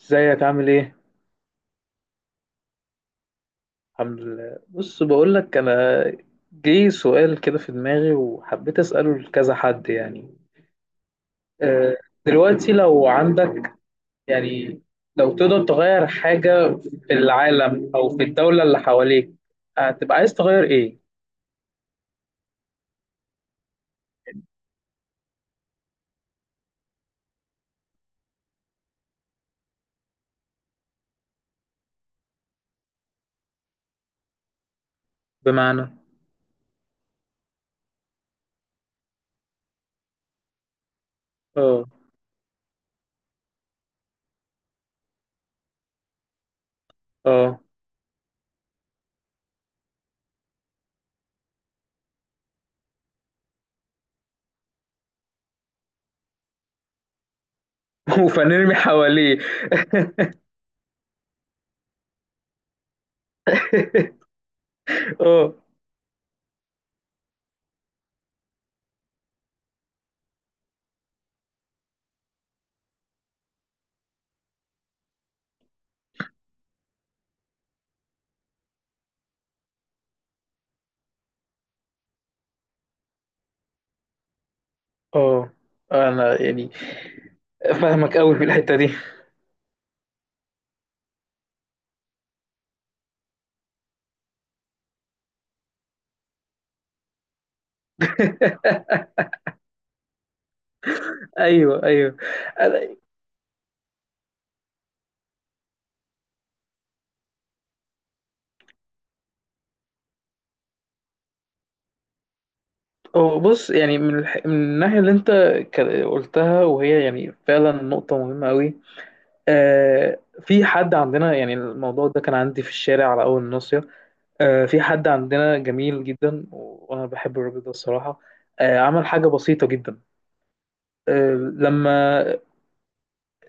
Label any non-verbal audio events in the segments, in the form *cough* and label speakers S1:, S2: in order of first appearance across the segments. S1: ازيك عامل ايه؟ الحمد لله. بص بقول لك انا جه سؤال كده في دماغي وحبيت اساله لكذا حد، يعني آه، دلوقتي لو عندك، يعني لو تقدر تغير حاجة في العالم او في الدولة اللي حواليك، هتبقى عايز تغير ايه؟ بمعنى؟ اه اه. *laughs* وفنرمي حواليه. *laughs* اه اه، انا يعني فاهمك قوي في الحتة دي. *laughs* ايوه ايوه. هو بص، يعني من الناحية اللي انت قلتها، وهي يعني فعلا نقطة مهمة قوي. آه، في حد عندنا، يعني الموضوع ده كان عندي في الشارع على أول الناصية. آه، في حد عندنا جميل جدا وأنا بحب الراجل ده الصراحة. آه، عمل حاجة بسيطة جدا. آه لما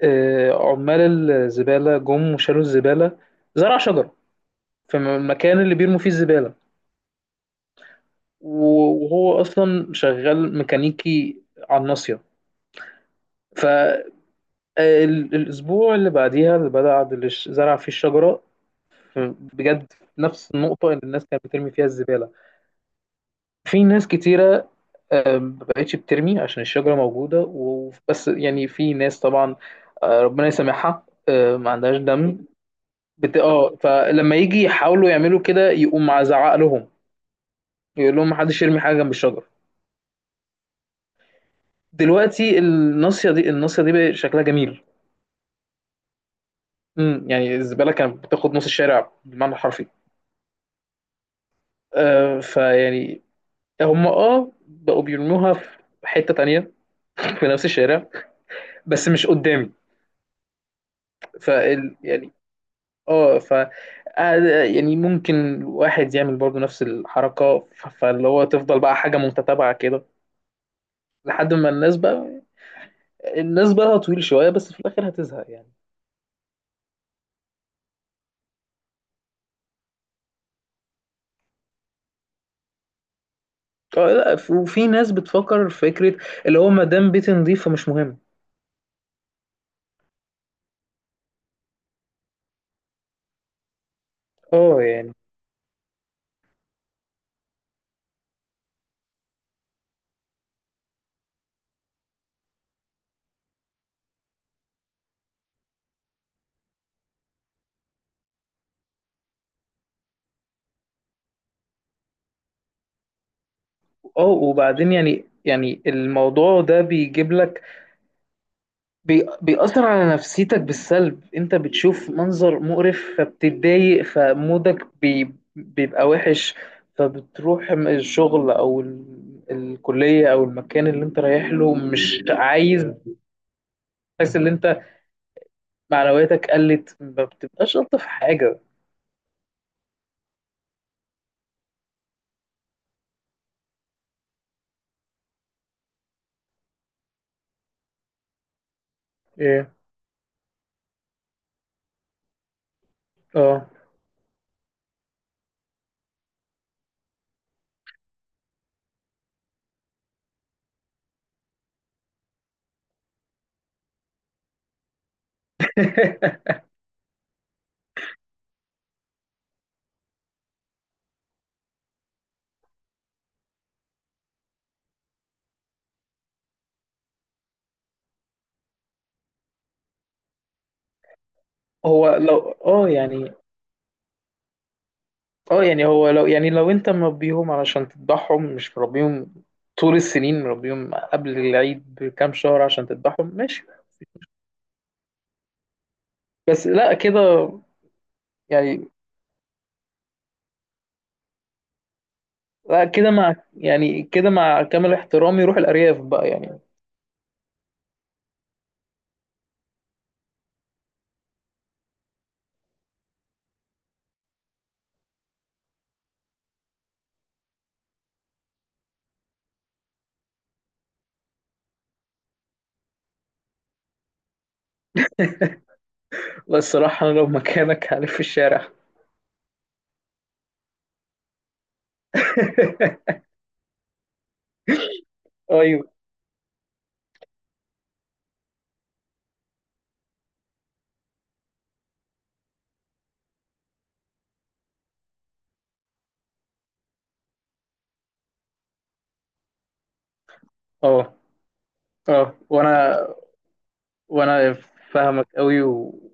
S1: آه عمال الزبالة جم وشالوا الزبالة، زرع شجرة في المكان اللي بيرموا فيه الزبالة. وهو أصلا شغال ميكانيكي على الناصية. الأسبوع اللي بعديها اللي بدأ عاد اللي زرع فيه الشجرة بجد في نفس النقطة اللي الناس كانت بترمي فيها الزبالة. في ناس كتيرة ما بقتش بترمي عشان الشجرة موجودة، وبس يعني في ناس طبعا، ربنا يسامحها، ما عندهاش دم. اه، فلما يجي يحاولوا يعملوا كده يقوم مزعق لهم، يقول لهم محدش يرمي حاجة جنب الشجرة. دلوقتي الناصية دي الناصية دي بقى شكلها جميل. مم، يعني الزبالة كانت بتاخد نص الشارع بالمعنى الحرفي. فيعني هم اه بقوا بيرموها في حتة تانية في نفس الشارع، بس مش قدامي. ف يعني اه ف آه، يعني ممكن واحد يعمل برضو نفس الحركة، فاللي هو تفضل بقى حاجة متتابعة كده لحد ما الناس بقى الناس بقى طويل شوية، بس في الآخر هتزهق يعني. اه لا، وفي ناس بتفكر في فكرة اللي هو ما دام بيتي نظيف فمش مهم. اه، يعني اه وبعدين يعني، يعني الموضوع ده بيجيب لك، بيأثر على نفسيتك بالسلب. انت بتشوف منظر مقرف فبتتضايق، فمودك بيبقى وحش، فبتروح الشغل او الكلية او المكان اللي انت رايح له مش عايز. تحس ان انت معنوياتك قلت، ما بتبقاش الطف حاجة. ايه؟ اه. *laughs* هو لو، اه يعني، اه يعني هو لو، يعني لو انت مربيهم علشان تذبحهم، مش مربيهم طول السنين، مربيهم قبل العيد بكام شهر عشان تذبحهم ماشي. بس لا كده يعني، لا كده مع، يعني كده مع كامل احترامي روح الأرياف بقى يعني. لا الصراحة أنا لو مكانك هلف في الشارع. *laughs* أيوه. أه أه، وأنا فاهمك أوي، ويعني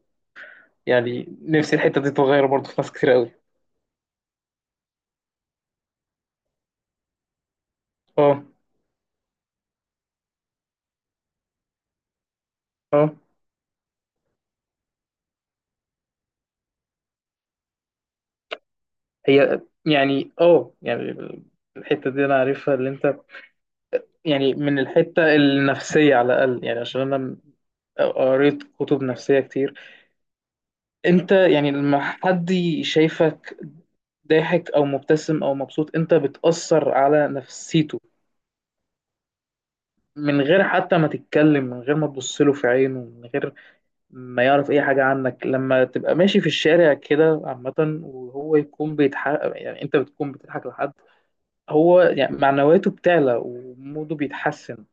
S1: نفسي الحتة دي تتغير برضه في ناس كتير أوي. أه أه، هي يعني أه يعني الحتة دي أنا عارفها اللي أنت، يعني من الحتة النفسية على الأقل، يعني عشان أنا قريت كتب نفسية كتير. انت يعني لما حد شايفك ضاحك او مبتسم او مبسوط انت بتأثر على نفسيته، من غير حتى ما تتكلم، من غير ما تبص له في عينه، من غير ما يعرف اي حاجة عنك. لما تبقى ماشي في الشارع كده عامة وهو يكون بيضحك، يعني انت بتكون بتضحك لحد، هو يعني معنوياته بتعلى وموده بيتحسن.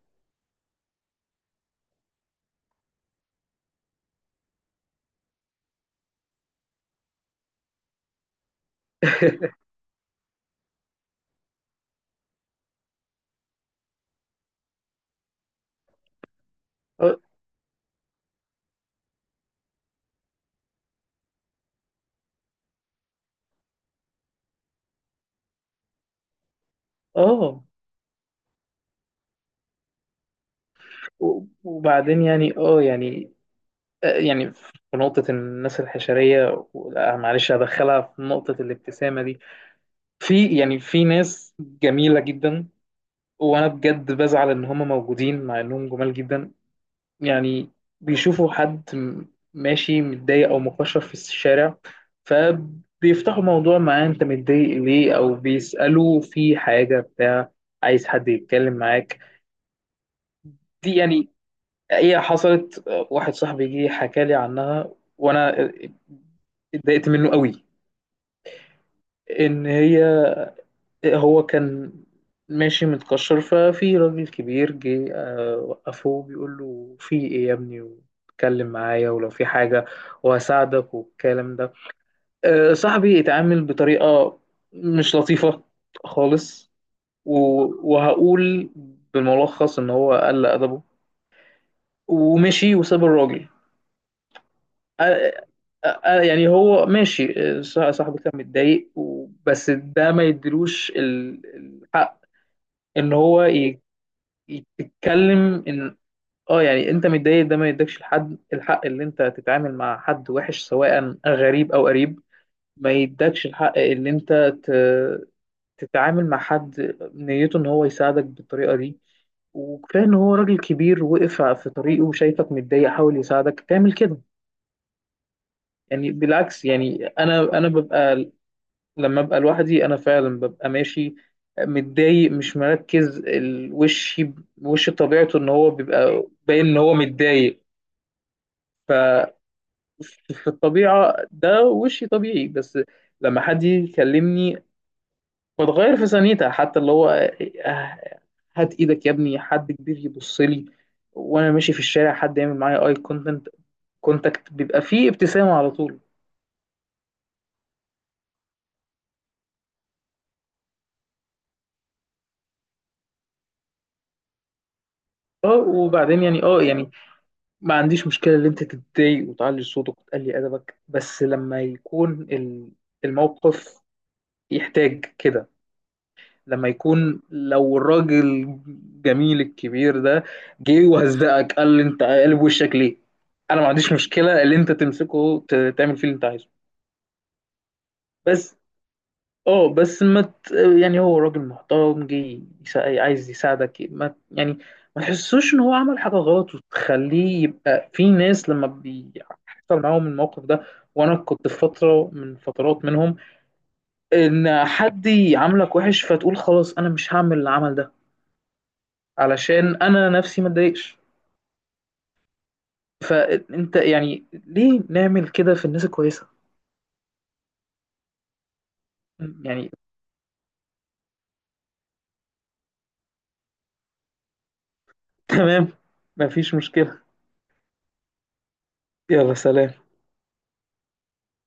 S1: *laughs* اه. آه. وبعدين يعني اه يعني، يعني في نقطة الناس الحشرية. لا، معلش هدخلها في نقطة الابتسامة دي. في يعني في ناس جميلة جدا وأنا بجد بزعل إن هم موجودين مع إنهم جمال جدا. يعني بيشوفوا حد ماشي متضايق أو مكشر في الشارع فبيفتحوا موضوع معاه: أنت متضايق ليه؟ أو بيسألوا في حاجة بتاع، عايز حد يتكلم معاك. دي يعني هي حصلت. واحد صاحبي جه حكى لي عنها وانا اتضايقت منه قوي. ان هي، هو كان ماشي متكشر، ففي راجل كبير جه وقفه بيقول له: في ايه يا ابني؟ واتكلم معايا ولو في حاجة وهساعدك والكلام ده. صاحبي اتعامل بطريقة مش لطيفة خالص. وهقول بالملخص ان هو قل ادبه ومشي وساب الراجل. آه، آه، يعني هو ماشي، صاحبك كان متضايق بس ده ما يديلوش الحق ان يتكلم ان، اه يعني انت متضايق ده ما يدكش الحق اللي انت تتعامل مع حد وحش، سواء غريب او قريب. ما يدكش الحق اللي انت ت- تتعامل مع حد نيته ان هو يساعدك بالطريقة دي. وكفاية ان هو راجل كبير وقف في طريقه وشايفك متضايق حاول يساعدك تعمل كده. يعني بالعكس، يعني انا ببقى، لما ابقى لوحدي انا فعلا ببقى ماشي متضايق، مش مركز الوش، وش طبيعته ان هو بيبقى باين ان هو متضايق. ف في الطبيعة ده وشي طبيعي. بس لما حد يجي يكلمني بتغير في ثانيتها، حتى اللي هو آه، هات ايدك يا ابني، حد كبير يبص لي وانا ماشي في الشارع، حد يعمل معايا اي كونتاكت بيبقى فيه ابتسامة على طول. اه وبعدين يعني اه يعني ما عنديش مشكلة إن أنت تتضايق وتعلي صوتك وتقلي أدبك، بس لما يكون الموقف يحتاج كده. لما يكون، لو الراجل الجميل الكبير ده جه وهزقك قال لي: أنت قلب وشك ليه؟ أنا ما عنديش مشكلة اللي أنت تمسكه تعمل فيه اللي أنت عايزه. بس اه، بس ما ت... يعني هو راجل محترم جه عايز يساعدك، ما ت- يعني ما تحسوش ان هو عمل حاجه غلط، وتخليه يبقى في ناس لما بيحصل معاهم الموقف ده، وانا كنت في فتره من فترات منهم، ان حد يعاملك وحش فتقول خلاص انا مش هعمل العمل ده علشان انا نفسي ما اتضايقش. فانت يعني ليه نعمل كده في الناس الكويسه؟ يعني. *laughs* تمام، مفيش مشكله. يلا سلام.